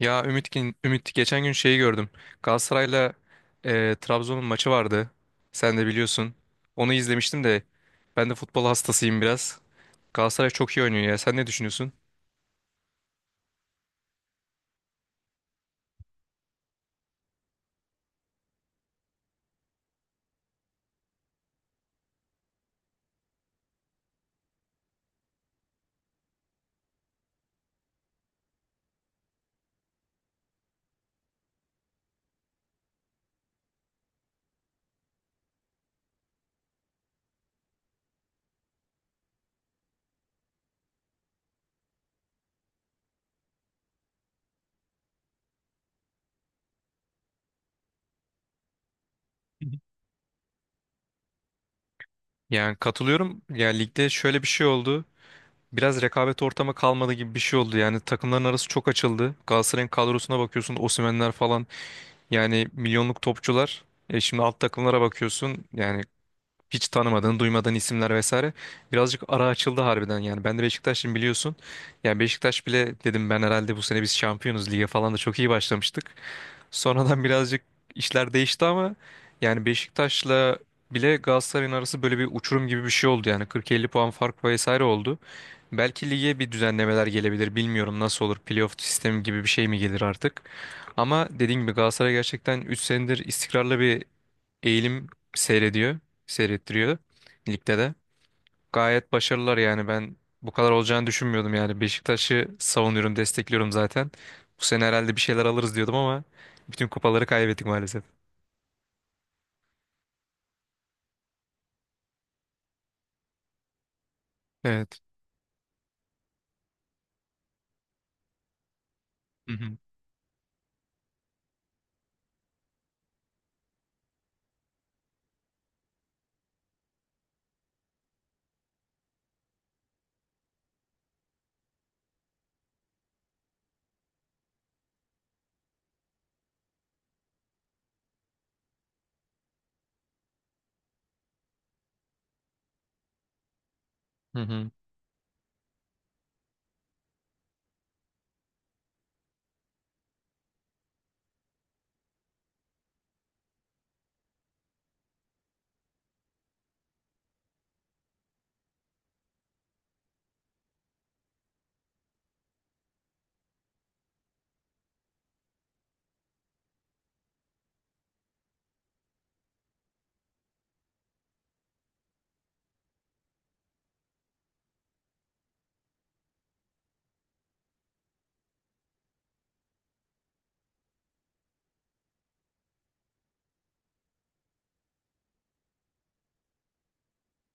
Ya Ümit, geçen gün şeyi gördüm. Galatasaray'la Trabzon'un maçı vardı. Sen de biliyorsun. Onu izlemiştim de ben de futbol hastasıyım biraz. Galatasaray çok iyi oynuyor ya. Sen ne düşünüyorsun? Yani katılıyorum. Yani ligde şöyle bir şey oldu. Biraz rekabet ortamı kalmadı gibi bir şey oldu. Yani takımların arası çok açıldı. Galatasaray'ın kadrosuna bakıyorsun. Osimhen'ler falan. Yani milyonluk topçular. E şimdi alt takımlara bakıyorsun. Yani hiç tanımadığın, duymadığın isimler vesaire. Birazcık ara açıldı harbiden yani. Ben de Beşiktaş'ım biliyorsun. Yani Beşiktaş bile dedim ben herhalde bu sene biz şampiyonuz, lige falan da çok iyi başlamıştık. Sonradan birazcık işler değişti ama yani Beşiktaş'la bile Galatasaray'ın arası böyle bir uçurum gibi bir şey oldu yani. 40-50 puan fark vesaire oldu. Belki lige bir düzenlemeler gelebilir. Bilmiyorum nasıl olur. Playoff sistemi gibi bir şey mi gelir artık? Ama dediğim gibi Galatasaray gerçekten 3 senedir istikrarlı bir eğilim seyrediyor. Seyrettiriyor ligde de. Gayet başarılılar yani, ben bu kadar olacağını düşünmüyordum yani. Beşiktaş'ı savunuyorum, destekliyorum zaten. Bu sene herhalde bir şeyler alırız diyordum ama bütün kupaları kaybettik maalesef. Evet. Hı hı. Hı hı.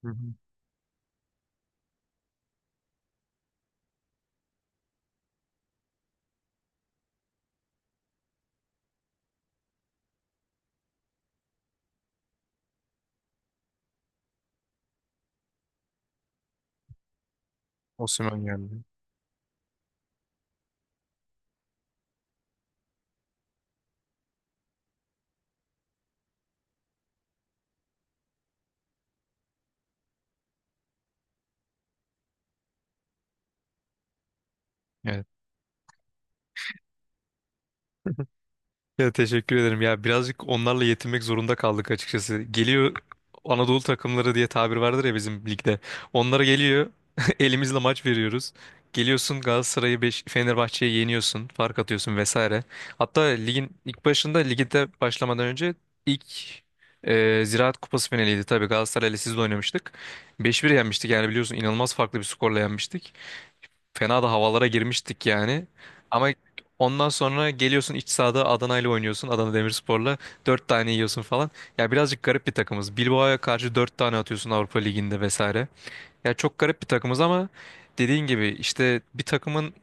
Hı hı. Osimhen geldi. Ya teşekkür ederim. Ya birazcık onlarla yetinmek zorunda kaldık açıkçası. Geliyor Anadolu takımları diye tabir vardır ya bizim ligde. Onlara geliyor. Elimizle maç veriyoruz. Geliyorsun Galatasaray'ı Fenerbahçe'yi yeniyorsun. Fark atıyorsun vesaire. Hatta ligin ilk başında ligde başlamadan önce ilk Ziraat Kupası finaliydi tabii. Galatasaray'la siz de oynamıştık. 5-1 yenmiştik yani, biliyorsun inanılmaz farklı bir skorla yenmiştik. Fena da havalara girmiştik yani. Ama ondan sonra geliyorsun iç sahada Adana ile oynuyorsun. Adana Demirspor'la 4 tane yiyorsun falan. Ya birazcık garip bir takımız. Bilbao'ya karşı 4 tane atıyorsun Avrupa Ligi'nde vesaire. Ya çok garip bir takımız ama dediğin gibi işte bir takımın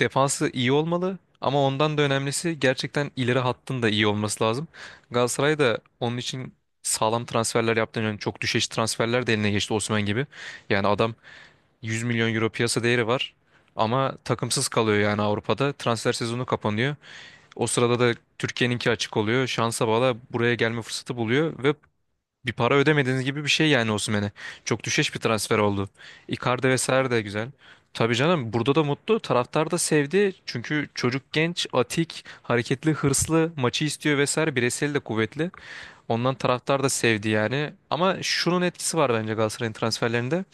defansı iyi olmalı. Ama ondan da önemlisi gerçekten ileri hattın da iyi olması lazım. Galatasaray da onun için sağlam transferler yaptığını yani, çok düşeş transferler de eline geçti Osman gibi. Yani adam 100 milyon euro piyasa değeri var. Ama takımsız kalıyor yani Avrupa'da. Transfer sezonu kapanıyor. O sırada da Türkiye'ninki açık oluyor. Şansa bağla buraya gelme fırsatı buluyor ve bir para ödemediğiniz gibi bir şey yani Osimhen'e. Çok düşeş bir transfer oldu. Icardi vesaire de güzel. Tabii canım, burada da mutlu. Taraftar da sevdi. Çünkü çocuk genç, atik, hareketli, hırslı, maçı istiyor vesaire. Bireysel de kuvvetli. Ondan taraftar da sevdi yani. Ama şunun etkisi var bence Galatasaray'ın transferlerinde.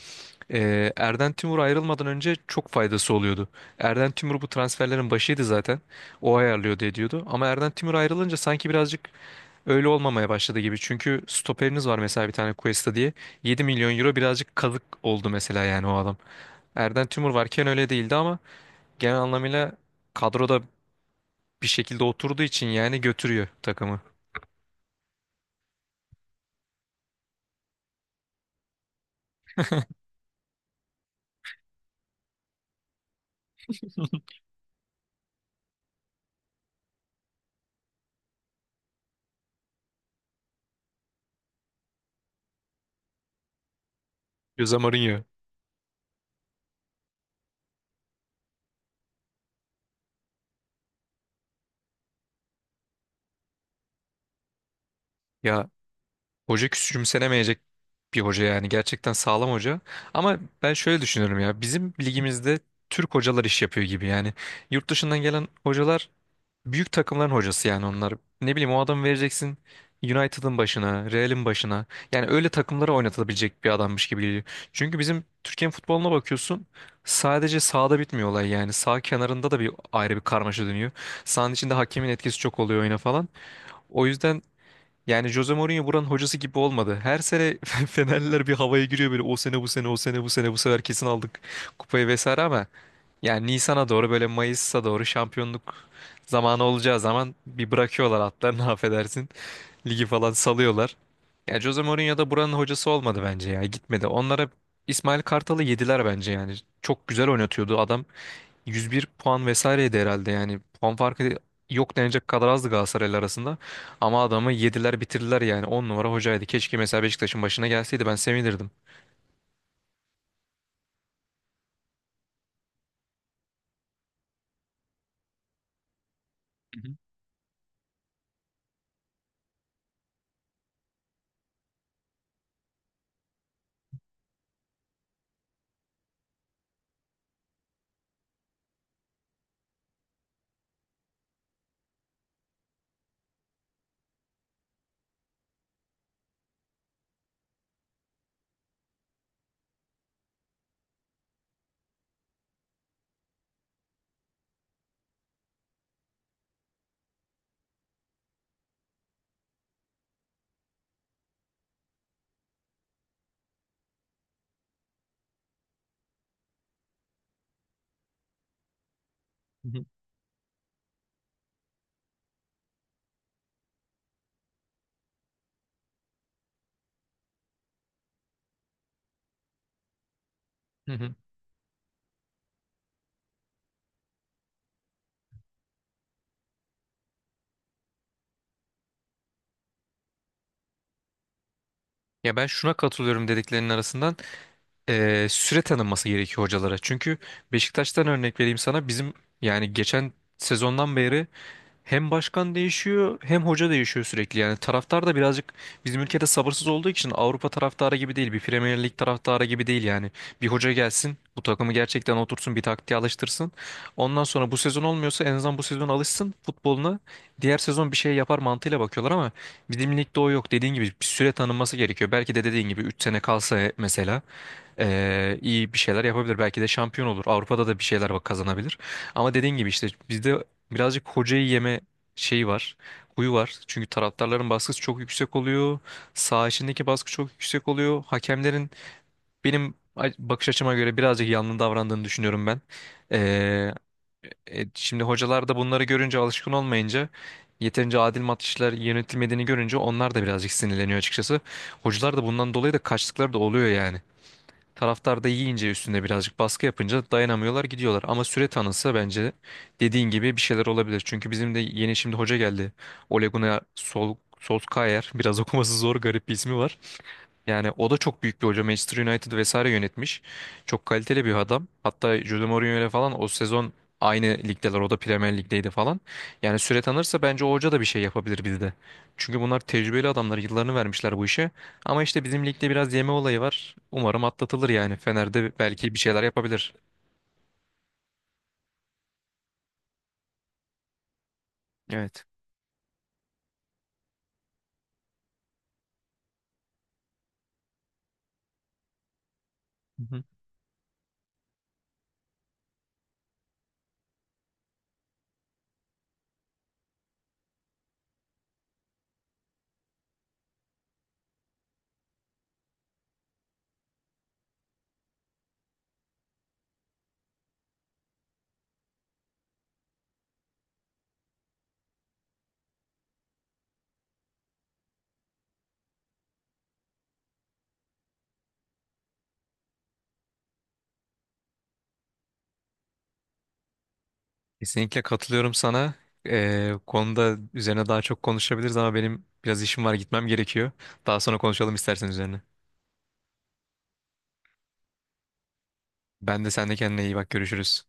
Erden Timur ayrılmadan önce çok faydası oluyordu. Erden Timur bu transferlerin başıydı zaten. O ayarlıyordu, ediyordu. Ama Erden Timur ayrılınca sanki birazcık öyle olmamaya başladı gibi. Çünkü stoperiniz var mesela bir tane, Cuesta diye. 7 milyon euro, birazcık kazık oldu mesela yani o adam. Erden Timur varken öyle değildi ama genel anlamıyla kadroda bir şekilde oturduğu için yani götürüyor takımı. Jose Mourinho. Ya hoca küçümsenemeyecek bir hoca yani, gerçekten sağlam hoca. Ama ben şöyle düşünüyorum, ya bizim ligimizde Türk hocalar iş yapıyor gibi yani. Yurt dışından gelen hocalar büyük takımların hocası yani onlar. Ne bileyim, o adamı vereceksin United'ın başına, Real'in başına. Yani öyle takımlara oynatılabilecek bir adammış gibi geliyor. Çünkü bizim Türkiye'nin futboluna bakıyorsun, sadece sahada bitmiyor olay yani. Sağ kenarında da bir ayrı bir karmaşa dönüyor. Sahanın içinde hakemin etkisi çok oluyor oyuna falan. O yüzden yani Jose Mourinho buranın hocası gibi olmadı. Her sene Fenerliler bir havaya giriyor böyle, o sene bu sene, o sene bu sene, bu sefer kesin aldık kupayı vesaire ama yani Nisan'a doğru, böyle Mayıs'a doğru şampiyonluk zamanı olacağı zaman bir bırakıyorlar atlarını affedersin. Ligi falan salıyorlar. Yani Jose Mourinho da buranın hocası olmadı bence, ya gitmedi. Onlara İsmail Kartal'ı yediler bence yani. Çok güzel oynatıyordu adam. 101 puan vesaireydi herhalde yani. Puan farkı yok denecek kadar azdı Galatasaray'la arasında. Ama adamı yediler bitirdiler yani. 10 numara hocaydı. Keşke mesela Beşiktaş'ın başına gelseydi ben sevinirdim. Hı hı. Hı hı. Ya ben şuna katılıyorum dediklerinin arasından: süre tanınması gerekiyor hocalara. Çünkü Beşiktaş'tan örnek vereyim sana, bizim yani geçen sezondan beri hem başkan değişiyor hem hoca değişiyor sürekli. Yani taraftar da birazcık bizim ülkede sabırsız olduğu için, Avrupa taraftarı gibi değil. Bir Premier Lig taraftarı gibi değil yani. Bir hoca gelsin bu takımı gerçekten otursun, bir taktiğe alıştırsın. Ondan sonra bu sezon olmuyorsa en azından bu sezon alışsın futboluna. Diğer sezon bir şey yapar mantığıyla bakıyorlar ama bizim ligde o yok. Dediğin gibi bir süre tanınması gerekiyor. Belki de dediğin gibi 3 sene kalsa mesela iyi bir şeyler yapabilir. Belki de şampiyon olur. Avrupa'da da bir şeyler bak kazanabilir. Ama dediğin gibi işte bizde birazcık hocayı yeme şeyi var. Huyu var. Çünkü taraftarların baskısı çok yüksek oluyor. Saha içindeki baskı çok yüksek oluyor. Hakemlerin benim bakış açıma göre birazcık yanlı davrandığını düşünüyorum ben. Eee, şimdi hocalar da bunları görünce, alışkın olmayınca, yeterince adil maçlar yönetilmediğini görünce onlar da birazcık sinirleniyor açıkçası. Hocalar da bundan dolayı da kaçtıkları da oluyor yani. Taraftar da yiyince üstüne, birazcık baskı yapınca dayanamıyorlar, gidiyorlar. Ama süre tanınsa bence dediğin gibi bir şeyler olabilir. Çünkü bizim de yeni şimdi hoca geldi. Ole Gunnar Sol Solskjaer, biraz okuması zor garip bir ismi var. Yani o da çok büyük bir hoca. Manchester United vesaire yönetmiş. Çok kaliteli bir adam. Hatta Jose Mourinho ile falan o sezon aynı ligdeler. O da Premier Lig'deydi falan. Yani süre tanırsa bence o hoca da bir şey yapabilir bizde. Çünkü bunlar tecrübeli adamlar. Yıllarını vermişler bu işe. Ama işte bizim ligde biraz yeme olayı var. Umarım atlatılır yani. Fener'de belki bir şeyler yapabilir. Evet. Hı hı. Kesinlikle katılıyorum sana. Konuda üzerine daha çok konuşabiliriz ama benim biraz işim var, gitmem gerekiyor. Daha sonra konuşalım istersen üzerine. Ben de, sen de kendine iyi bak, görüşürüz.